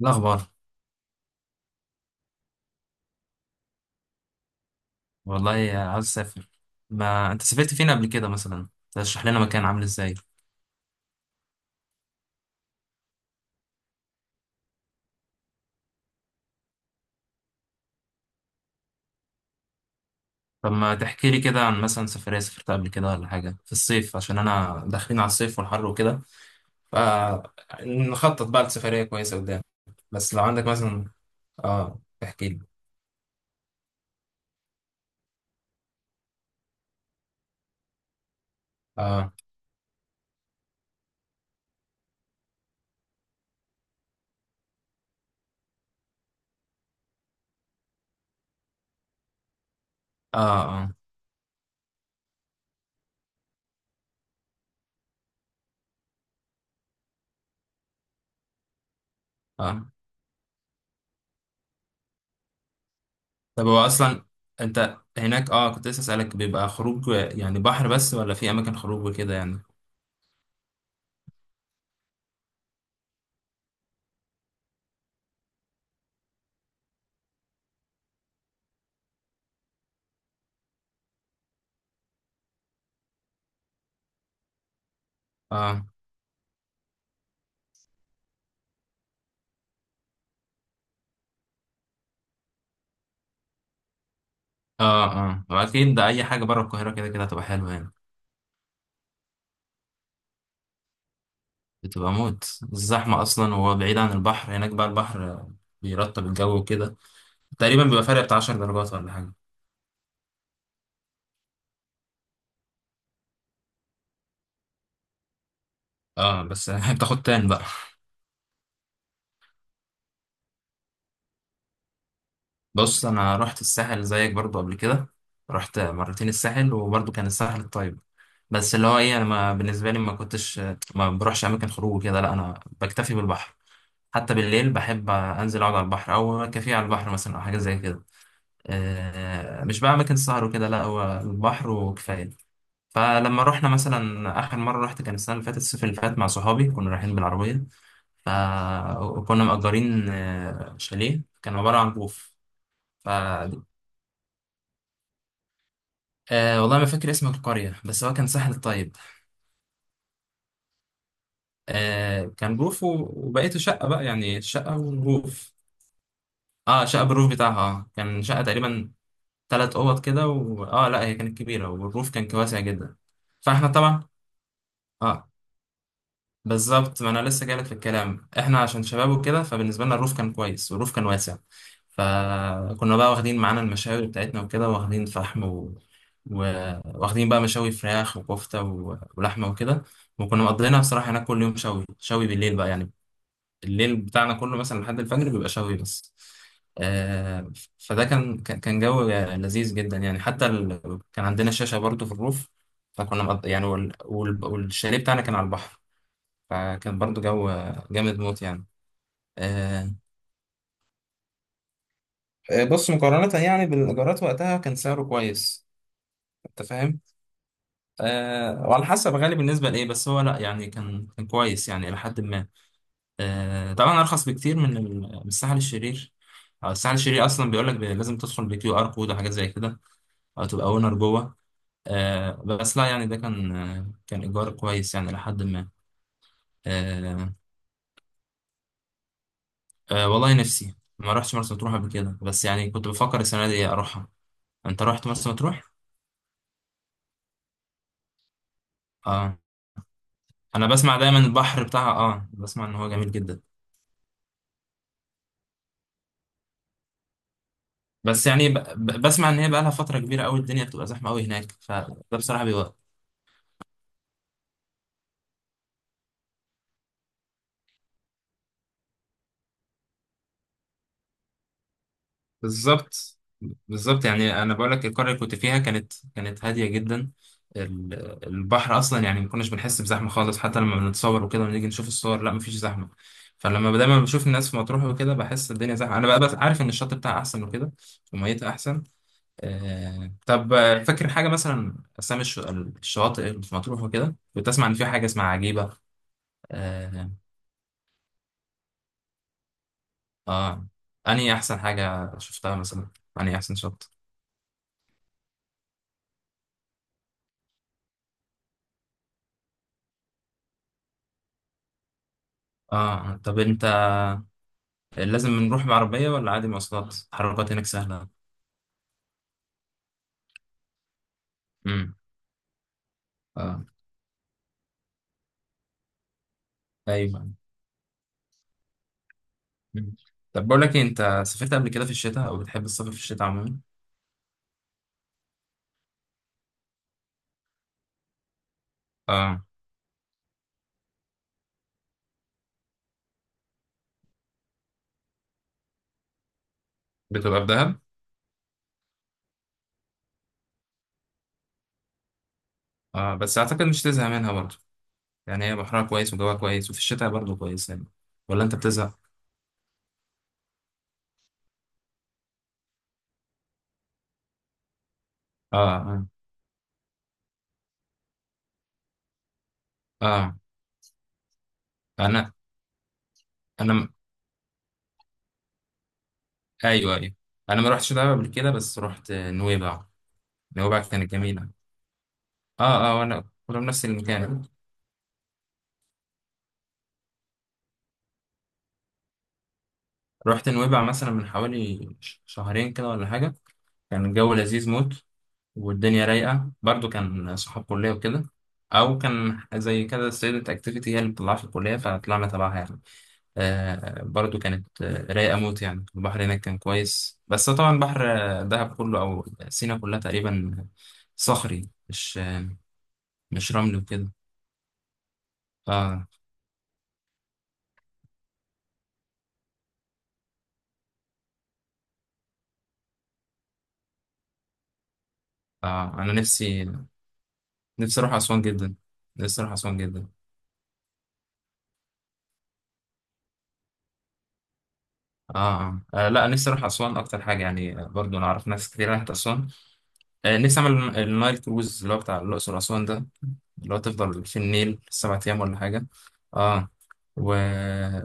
الأخبار. والله عاوز أسافر. ما أنت سافرت فين قبل كده مثلا؟ ترشح لنا مكان، عامل إزاي؟ طب ما تحكي لي كده عن مثلا سفرية سافرتها قبل كده ولا حاجة في الصيف، عشان أنا داخلين على الصيف والحر وكده، فنخطط بقى لسفرية كويسة قدام. بس لو عندك مثلا. آه، تحكي لي. آه. آه. آه. آه. طب هو أصلا، أنت هناك كنت لسه أسألك، بيبقى خروج يعني بحر بس ولا في أماكن خروج وكده يعني؟ آه. آه. آه. وأكيد ده، أي حاجة بره القاهرة كده كده هتبقى حلوة يعني. بتبقى موت الزحمة أصلا، وهو بعيد عن البحر. هناك بقى البحر بيرطب الجو وكده، تقريبا بيبقى فرق بتاع 10 درجات ولا حاجة. اه بس بتاخد تان بقى. بص أنا رحت الساحل زيك برضو قبل كده، رحت مرتين الساحل، وبرضو كان الساحل الطيب. بس اللي هو ايه، انا ما بالنسبه لي ما بروحش اماكن خروج كده، لا انا بكتفي بالبحر، حتى بالليل بحب انزل اقعد على البحر، او كافيه على البحر مثلا، او حاجه زي كده. مش بقى اماكن سهر وكده، لا، هو البحر وكفايه. فلما رحنا مثلا آخر مرة، رحت كان السنة اللي فاتت، الصيف اللي فات، مع صحابي، كنا رايحين بالعربية، فكنا مأجرين شاليه، كان عبارة عن بوف. ف والله ما فاكر اسم القرية، بس هو كان ساحل الطيب. كان بروف وبقيته شقة بقى، يعني شقة وروف. اه شقة بالروف بتاعها آه. كان شقة تقريبا تلات أوض كده اه لا، هي كانت كبيرة، والروف كان واسع جدا. فاحنا طبعا اه بالظبط، ما انا لسه جايلك في الكلام، احنا عشان شباب وكده، فبالنسبه لنا الروف كان كويس، والروف كان واسع. فكنا بقى واخدين معانا المشاوي بتاعتنا وكده، واخدين فحم و... واخدين بقى مشاوي فراخ وكفته ولحمه وكده. وكنا مقضينا بصراحه هناك كل يوم. شوي شوي بالليل بقى يعني، الليل بتاعنا كله مثلا لحد الفجر بيبقى شوي بس. آه... فده كان جو لذيذ جدا يعني. كان عندنا شاشه برضو في الروف، فكنا مقض... يعني وال... وال... والشاليه بتاعنا كان على البحر، فكان برضو جو جامد موت يعني. آه آه، بص، مقارنة يعني بالإيجارات وقتها، كان سعره كويس، أنت فاهم؟ آه، وعلى حسب غالي بالنسبة لإيه، بس هو لأ يعني، كان كان كويس يعني إلى حد ما. آه طبعا أرخص بكتير من الساحل الشرير. أو الساحل الشرير أصلا بيقول لك لازم تدخل بكيو آر كود وحاجات زي كده، أو تبقى اونر جوه. بس لأ يعني، ده كان كان إيجار كويس يعني إلى حد ما. آه. والله نفسي، ما رحتش مرسى مطروح قبل كده، بس يعني كنت بفكر السنة دي أروحها. انت رحت مرسى مطروح؟ اه انا بسمع دايما البحر بتاعها، بسمع ان هو جميل جدا. بس يعني بسمع ان هي بقى لها فتره كبيره قوي، الدنيا بتبقى زحمه قوي هناك، فده بصراحه بيوقف. بالظبط. بالظبط يعني، انا بقول لك القريه اللي كنت فيها كانت هاديه جدا. ال- البحر اصلا يعني ما كناش بنحس بزحمه خالص، حتى لما بنتصور وكده ونيجي نشوف الصور، لا، مفيش زحمه. فلما دايما بشوف الناس في مطروح وكده، بحس الدنيا زحمه. انا بقى بس عارف ان الشط بتاعها احسن وكده، وميتها احسن. طب فاكر حاجة مثلا، أسامي الشواطئ اللي في مطروح وكده؟ كنت أسمع إن في حاجة اسمها عجيبة. آه، آه. أنهي أحسن حاجة شفتها مثلا؟ أنهي أحسن شط؟ طب أنت، لازم نروح بعربية ولا عادي، مواصلات التحركات هناك سهلة؟ امم. آه أيوة. مم. طب بقول لك إيه، أنت سافرت قبل كده في الشتاء، أو بتحب السفر في الشتاء عموما؟ آه بتبقى في دهب. بس أعتقد مش تزهق منها برضه، يعني هي بحرها كويس، وجوها كويس، وفي الشتاء برضه كويس يعني. ولا أنت بتزهق؟ آه. آه. اه انا، انا م- ايوه ايوه، انا ما رحتش دهب قبل كده، بس رحت نويبع. نويبع كانت جميله. اه اه، وانا كنا في نفس المكان. رحت نويبع مثلا من حوالي شهرين كده ولا حاجه. كان الجو لذيذ موت، والدنيا رايقه برضو، كان صحاب كليه وكده، او كان زي كده ستودنت اكتيفيتي هي اللي بتطلعها في الكليه، فطلعنا تبعها يعني. آه برضو كانت رايقه موت يعني. البحر هناك كان كويس، بس طبعا بحر دهب كله او سينا كلها تقريبا صخري، مش رمل وكده. اه اه، انا نفسي اروح اسوان جدا. نفسي اروح اسوان جدا. آه، آه. اه لا، نفسي اروح اسوان اكتر حاجه يعني. برضو انا اعرف ناس كتير راحت اسوان. نفسي اعمل النايل كروز اللي هو بتاع الاقصر اسوان ده، اللي هو تفضل في النيل 7 ايام ولا حاجه. اه. و...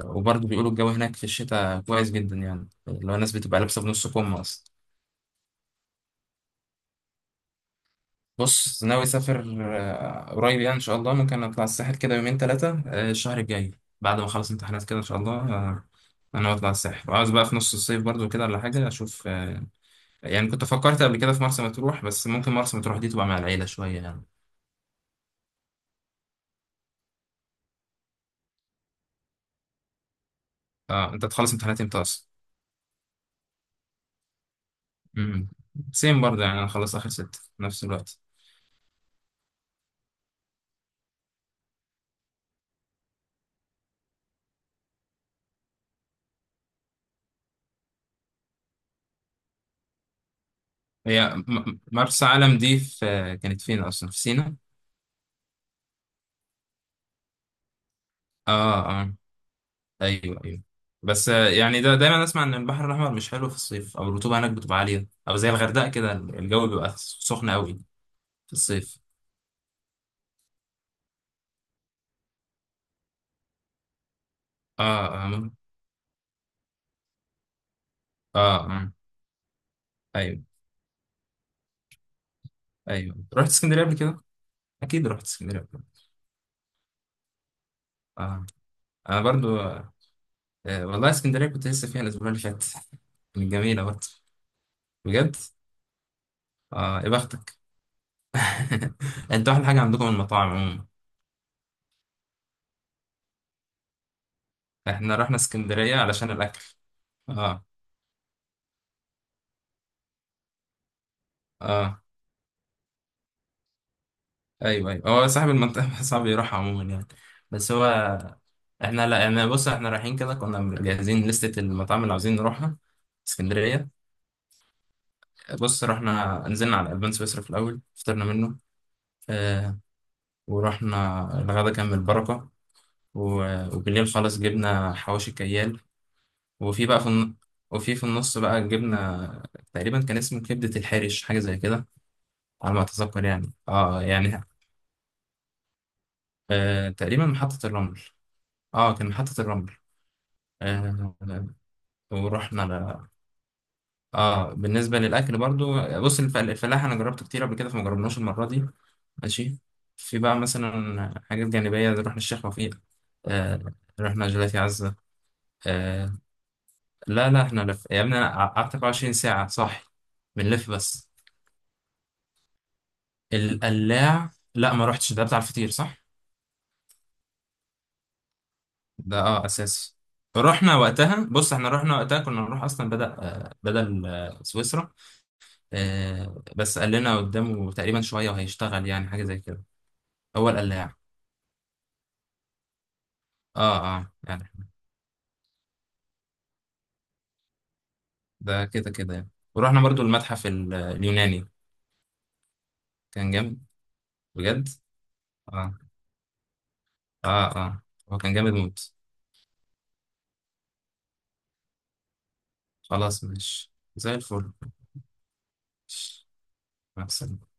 وبرضو بيقولوا الجو هناك في الشتاء كويس جدا، يعني اللي هو الناس بتبقى لابسه بنص كم اصلا. بص، ناوي اسافر قريب، يعني ان شاء الله ممكن اطلع الساحل كده يومين ثلاثه، الشهر الجاي، بعد ما اخلص امتحانات كده ان شاء الله. انا ناوي اطلع الساحل، وعاوز بقى في نص الصيف برضو كده ولا حاجه اشوف. يعني كنت فكرت قبل كده في مرسى مطروح، بس ممكن مرسى مطروح دي تبقى مع العيله شويه يعني. اه انت تخلص امتحانات امتى اصلا؟ امم، سيم برضو يعني، انا خلصت اخر ستة في نفس الوقت. هي م- مرسى علم دي في كانت فين اصلا، في سينا؟ اه اه، ايوه ايوه. بس يعني ده دايما اسمع ان البحر الاحمر مش حلو في الصيف، او الرطوبه هناك بتبقى عاليه، او زي الغردقه كده الجو بيبقى سخن قوي في الصيف. اه اه اه، آه. آه. ايوه ايوه، رحت اسكندريه قبل كده، اكيد رحت اسكندريه قبل كده. اه انا برضو والله اسكندريه كنت لسه فيها الاسبوع اللي فات. كانت جميله برضو، بجد. اه، يا بختك. انتوا احلى حاجه عندكم المطاعم عموما. احنا رحنا اسكندريه علشان الاكل. اه اه، ايوه ايوه، هو صاحب المنطقه صعب يروح عموما يعني. بس هو احنا، لا يعني، بص احنا رايحين كده كنا مجهزين لستة المطاعم اللي عاوزين نروحها. اسكندرية. بص، رحنا نزلنا على البان سويسرا في الأول، فطرنا منه. اه. ورحنا الغدا كان من البركة. وبالليل خلاص جبنا حواوشي كيال. وفي بقى في الن... وفي في النص بقى جبنا تقريبا، كان اسمه كبدة الحرش حاجة زي كده، على ما أتذكر يعني. اه يعني آه، تقريبا محطة الرمل. اه كان محطة الرمل. آه، ورحنا على. اه، بالنسبه للاكل برضو، بص الفلاح انا جربته كتير قبل كده، فما جربناش المره دي. ماشي. في بقى مثلا حاجات جانبيه، زي رحنا الشيخ وفيق. آه رحنا جيلاتي عزه. آه لا لا، احنا لف يا ابني، انا قعدت 24 ساعه صح، بنلف بس. القلاع لا ما رحتش، ده بتاع الفطير صح؟ ده اه اساسي. رحنا وقتها، بص احنا رحنا وقتها كنا نروح اصلا، بدأ آه، بدل سويسرا. بس قال لنا قدامه تقريبا شوية وهيشتغل يعني، حاجة زي كده. هو القلاع. اه اه يعني، ده كده كده يعني. ورحنا برضو المتحف اليوناني. كان جامد، بجد. اه اه اه، هو كان جامد موت. خلاص ماشي زي الفل. مع السلامة.